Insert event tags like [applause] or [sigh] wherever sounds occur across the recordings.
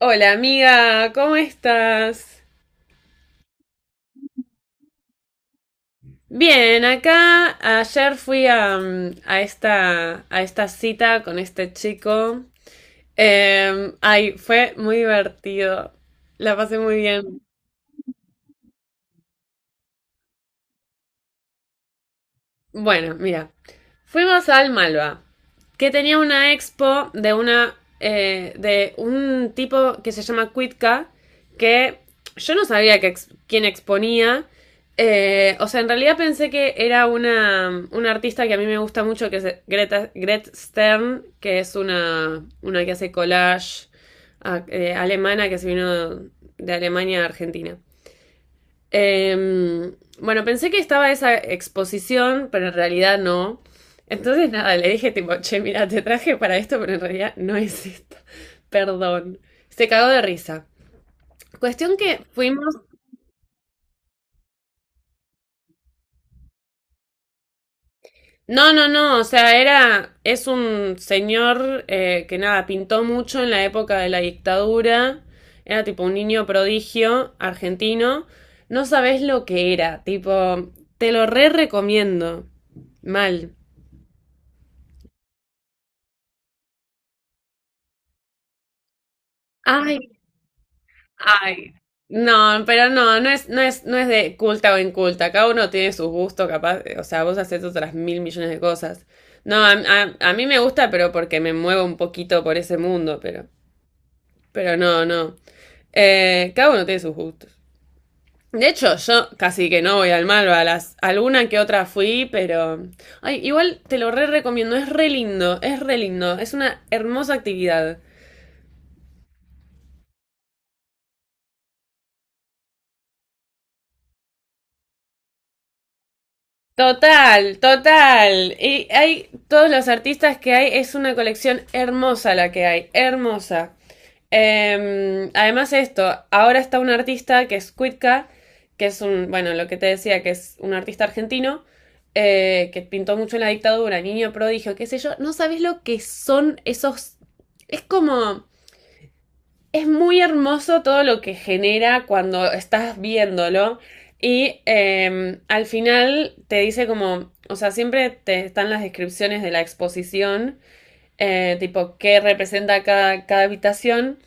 Hola amiga, ¿cómo estás? Bien, acá ayer fui a, a esta cita con este chico. Ay, fue muy divertido. La pasé muy bien. Bueno, mira, fuimos al Malva, que tenía una expo de una de un tipo que se llama Quitka, que yo no sabía que quién exponía. O sea, en realidad pensé que era una artista que a mí me gusta mucho, que es Greta, Gret Stern, que es una que hace collage alemana que se vino de Alemania a Argentina. Em, bueno, pensé que estaba esa exposición, pero en realidad no. Entonces, nada, le dije tipo, che, mira, te traje para esto, pero en realidad no es esta. [laughs] Perdón. Se cagó de risa. Cuestión que fuimos... No, no, no, o sea, era... Es un señor que nada, pintó mucho en la época de la dictadura. Era tipo un niño prodigio argentino. No sabés lo que era, tipo, te lo re recomiendo. Mal. Ay, ay, no, pero no, no es, no es de culta o inculta. Cada uno tiene sus gustos, capaz. O sea, vos haces otras mil millones de cosas. No, a mí me gusta, pero porque me muevo un poquito por ese mundo, pero no, no. Cada uno tiene sus gustos. De hecho, yo casi que no voy al Malva, a las, alguna que otra fui, pero... Ay, igual te lo re recomiendo, es re lindo, es re lindo, es una hermosa actividad. Total, total. Y hay todos los artistas que hay, es una colección hermosa la que hay, hermosa. Además esto, ahora está un artista que es Cuitca, que es un, bueno, lo que te decía, que es un artista argentino, que pintó mucho en la dictadura, niño prodigio, qué sé yo, no sabes lo que son esos, es como es muy hermoso todo lo que genera cuando estás viéndolo. Y al final te dice como, o sea, siempre te están las descripciones de la exposición, tipo qué representa cada, cada habitación.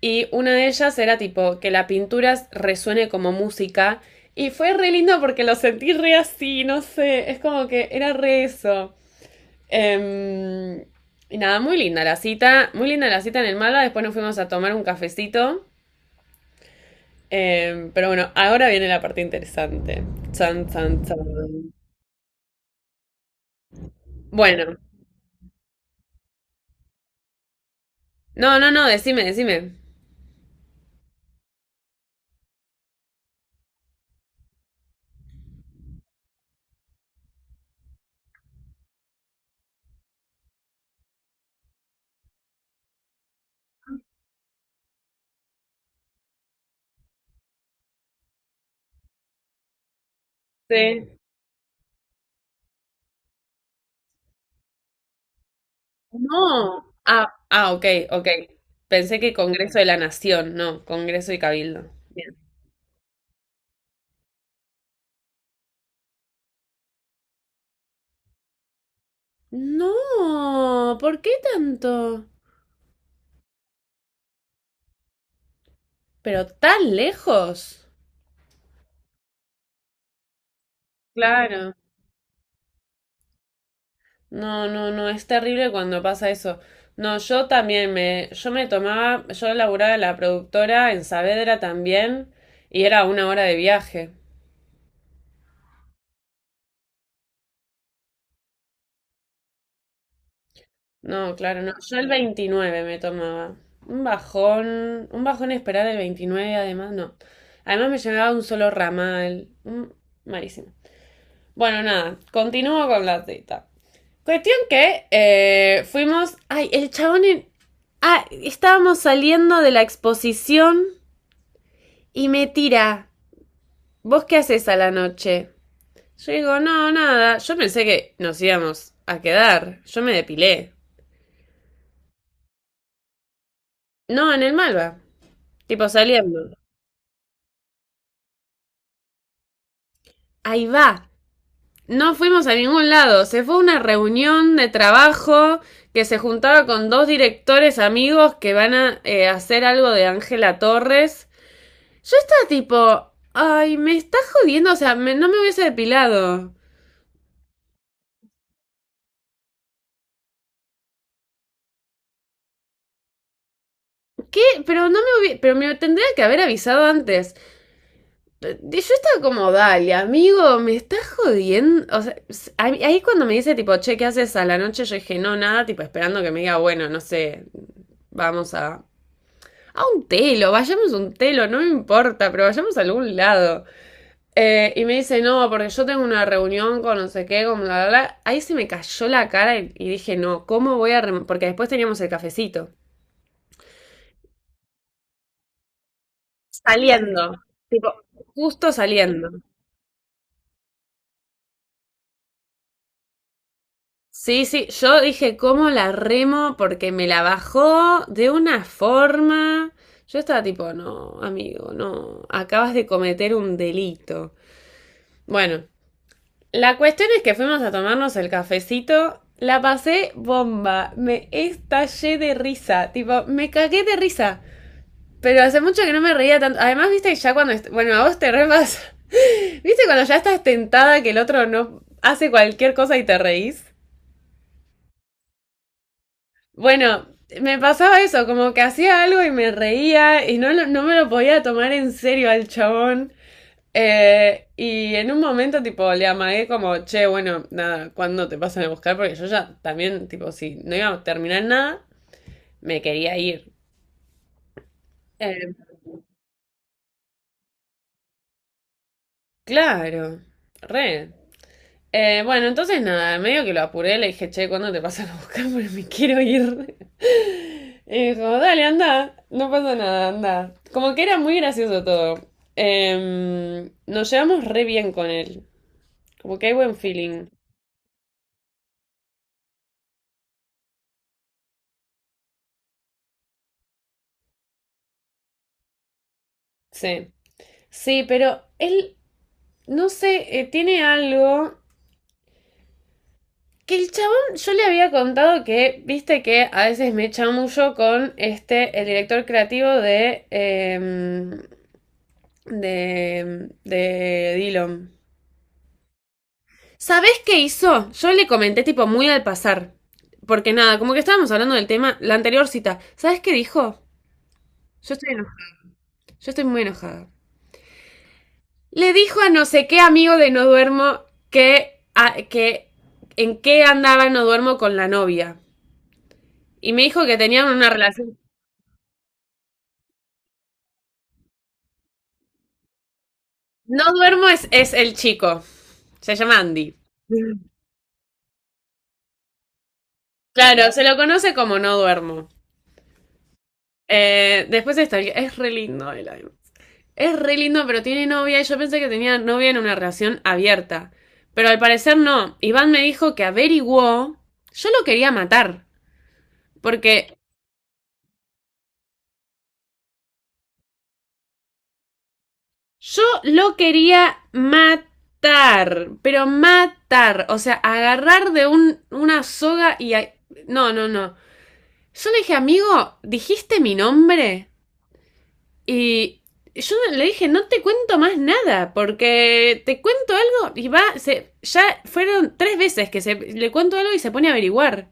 Y una de ellas era tipo que la pintura resuene como música. Y fue re lindo porque lo sentí re así, no sé, es como que era re eso. Em, y nada, muy linda la cita, muy linda la cita en el Malva. Después nos fuimos a tomar un cafecito pero bueno, ahora viene la parte interesante. Chan, chan, chan. Bueno, no, no, no, decime, decime. Sí. No. Ah, ah, ok, ok. Pensé que Congreso de la Nación, no, Congreso y Cabildo. Bien. No, ¿por qué tanto? Pero tan lejos. Claro. No, no, no, es terrible cuando pasa eso. No, yo también yo me tomaba, yo laburaba en la productora en Saavedra también y era una hora de viaje. No, claro, no. Yo el 29 me tomaba. Un bajón esperar el 29, además, no. Además me llegaba un solo ramal. Malísimo. Bueno, nada, continúo con la cita. Cuestión que fuimos... Ay, el chabón... Ah, estábamos saliendo de la exposición y me tira. ¿Vos qué haces a la noche? Yo digo, no, nada. Yo pensé que nos íbamos a quedar. Yo me depilé. No, en el Malva. Tipo saliendo. Ahí va. No fuimos a ningún lado. Se fue a una reunión de trabajo que se juntaba con dos directores amigos que van a hacer algo de Ángela Torres. Yo estaba tipo, ay, me está jodiendo, o sea, no me hubiese depilado. ¿Qué? Pero no me hubiese, pero me tendría que haber avisado antes. Yo estaba como, dale, amigo, me está jodiendo. O sea, ahí cuando me dice tipo, che, ¿qué haces a la noche? Yo dije, no, nada, tipo esperando que me diga, bueno, no sé, vamos a un telo, vayamos a un telo, no me importa, pero vayamos a algún lado. Y me dice, no, porque yo tengo una reunión con no sé qué, con bla, bla, bla. Ahí se me cayó la cara y dije, no, ¿cómo voy a...? Rem-?" Porque después teníamos el cafecito. Saliendo, tipo, justo saliendo. Sí, sí, yo dije, ¿cómo la remo? Porque me la bajó de una forma... Yo estaba tipo, no, amigo, no, acabas de cometer un delito. Bueno, la cuestión es que fuimos a tomarnos el cafecito. La pasé bomba. Me estallé de risa. Tipo, me cagué de risa. Pero hace mucho que no me reía tanto. Además, viste, ya cuando. Bueno, a vos te re pasa. [laughs] ¿Viste cuando ya estás tentada que el otro no hace cualquier cosa y te reís? Bueno, me pasaba eso, como que hacía algo y me reía y no, no me lo podía tomar en serio al chabón. Y en un momento, tipo, le amagué como, che, bueno, nada, ¿cuándo te pasan a buscar? Porque yo ya también, tipo, si no iba a terminar nada, me quería ir. Eh, claro, re. Bueno, entonces nada, medio que lo apuré, le dije, che, ¿cuándo te pasan a buscar? [laughs] Porque me quiero ir. [laughs] Y dijo, dale, anda, no pasa nada, anda. Como que era muy gracioso todo. Nos llevamos re bien con él. Como que hay buen feeling. Sí. Sí, pero él no sé, tiene algo que el chabón, yo le había contado que, viste que a veces me chamuyo con este, el director creativo de, de Dillon. ¿Sabés qué hizo? Yo le comenté tipo muy al pasar. Porque nada, como que estábamos hablando del tema, la anterior cita. ¿Sabés qué dijo? Yo estoy enojada. Yo estoy muy enojada. Le dijo a no sé qué amigo de No Duermo que en qué andaba No Duermo con la novia. Y me dijo que tenían una relación. No duermo es el chico. Se llama Andy. Claro, se lo conoce como no duermo. Después está, es re lindo el es re lindo, pero tiene novia y yo pensé que tenía novia en una relación abierta. Pero al parecer no. Iván me dijo que averiguó. Yo lo quería matar. Porque yo lo quería matar. Pero matar. O sea, agarrar de un, una soga y... No, no, no. Yo le dije, amigo, dijiste mi nombre y yo le dije, no te cuento más nada, porque te cuento algo y va, se, ya fueron tres veces que se, le cuento algo y se pone a averiguar.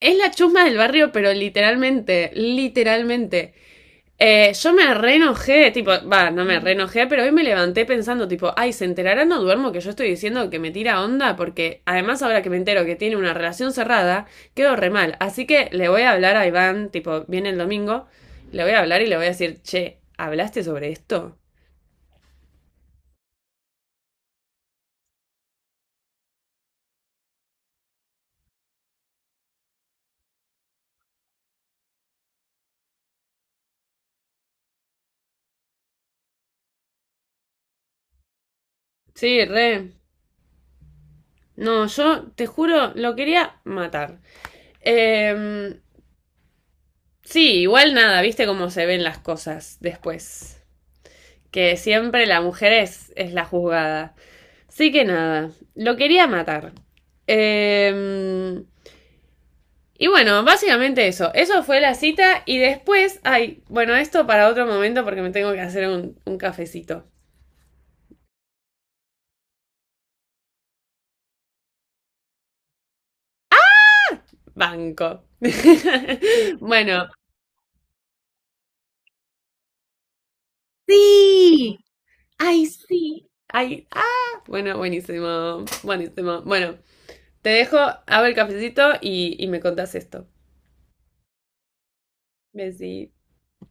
Es la chusma del barrio, pero literalmente, literalmente. Yo me reenojé, tipo, va, no me reenojé, pero hoy me levanté pensando, tipo, ay, ¿se enterará no duermo que yo estoy diciendo que me tira onda? Porque además ahora que me entero que tiene una relación cerrada, quedo re mal. Así que le voy a hablar a Iván, tipo, viene el domingo, le voy a hablar y le voy a decir, che, ¿hablaste sobre esto? Sí, re. No, yo te juro, lo quería matar. Eh, sí, igual nada, viste cómo se ven las cosas después. Que siempre la mujer es la juzgada. Así que nada, lo quería matar. Eh, y bueno, básicamente eso. Eso fue la cita y después, ay, bueno, esto para otro momento porque me tengo que hacer un cafecito. Banco. [laughs] Bueno, sí, ay, sí. Ay, ah, bueno, buenísimo, buenísimo. Bueno, te dejo, hago el cafecito y me contás esto. Besí.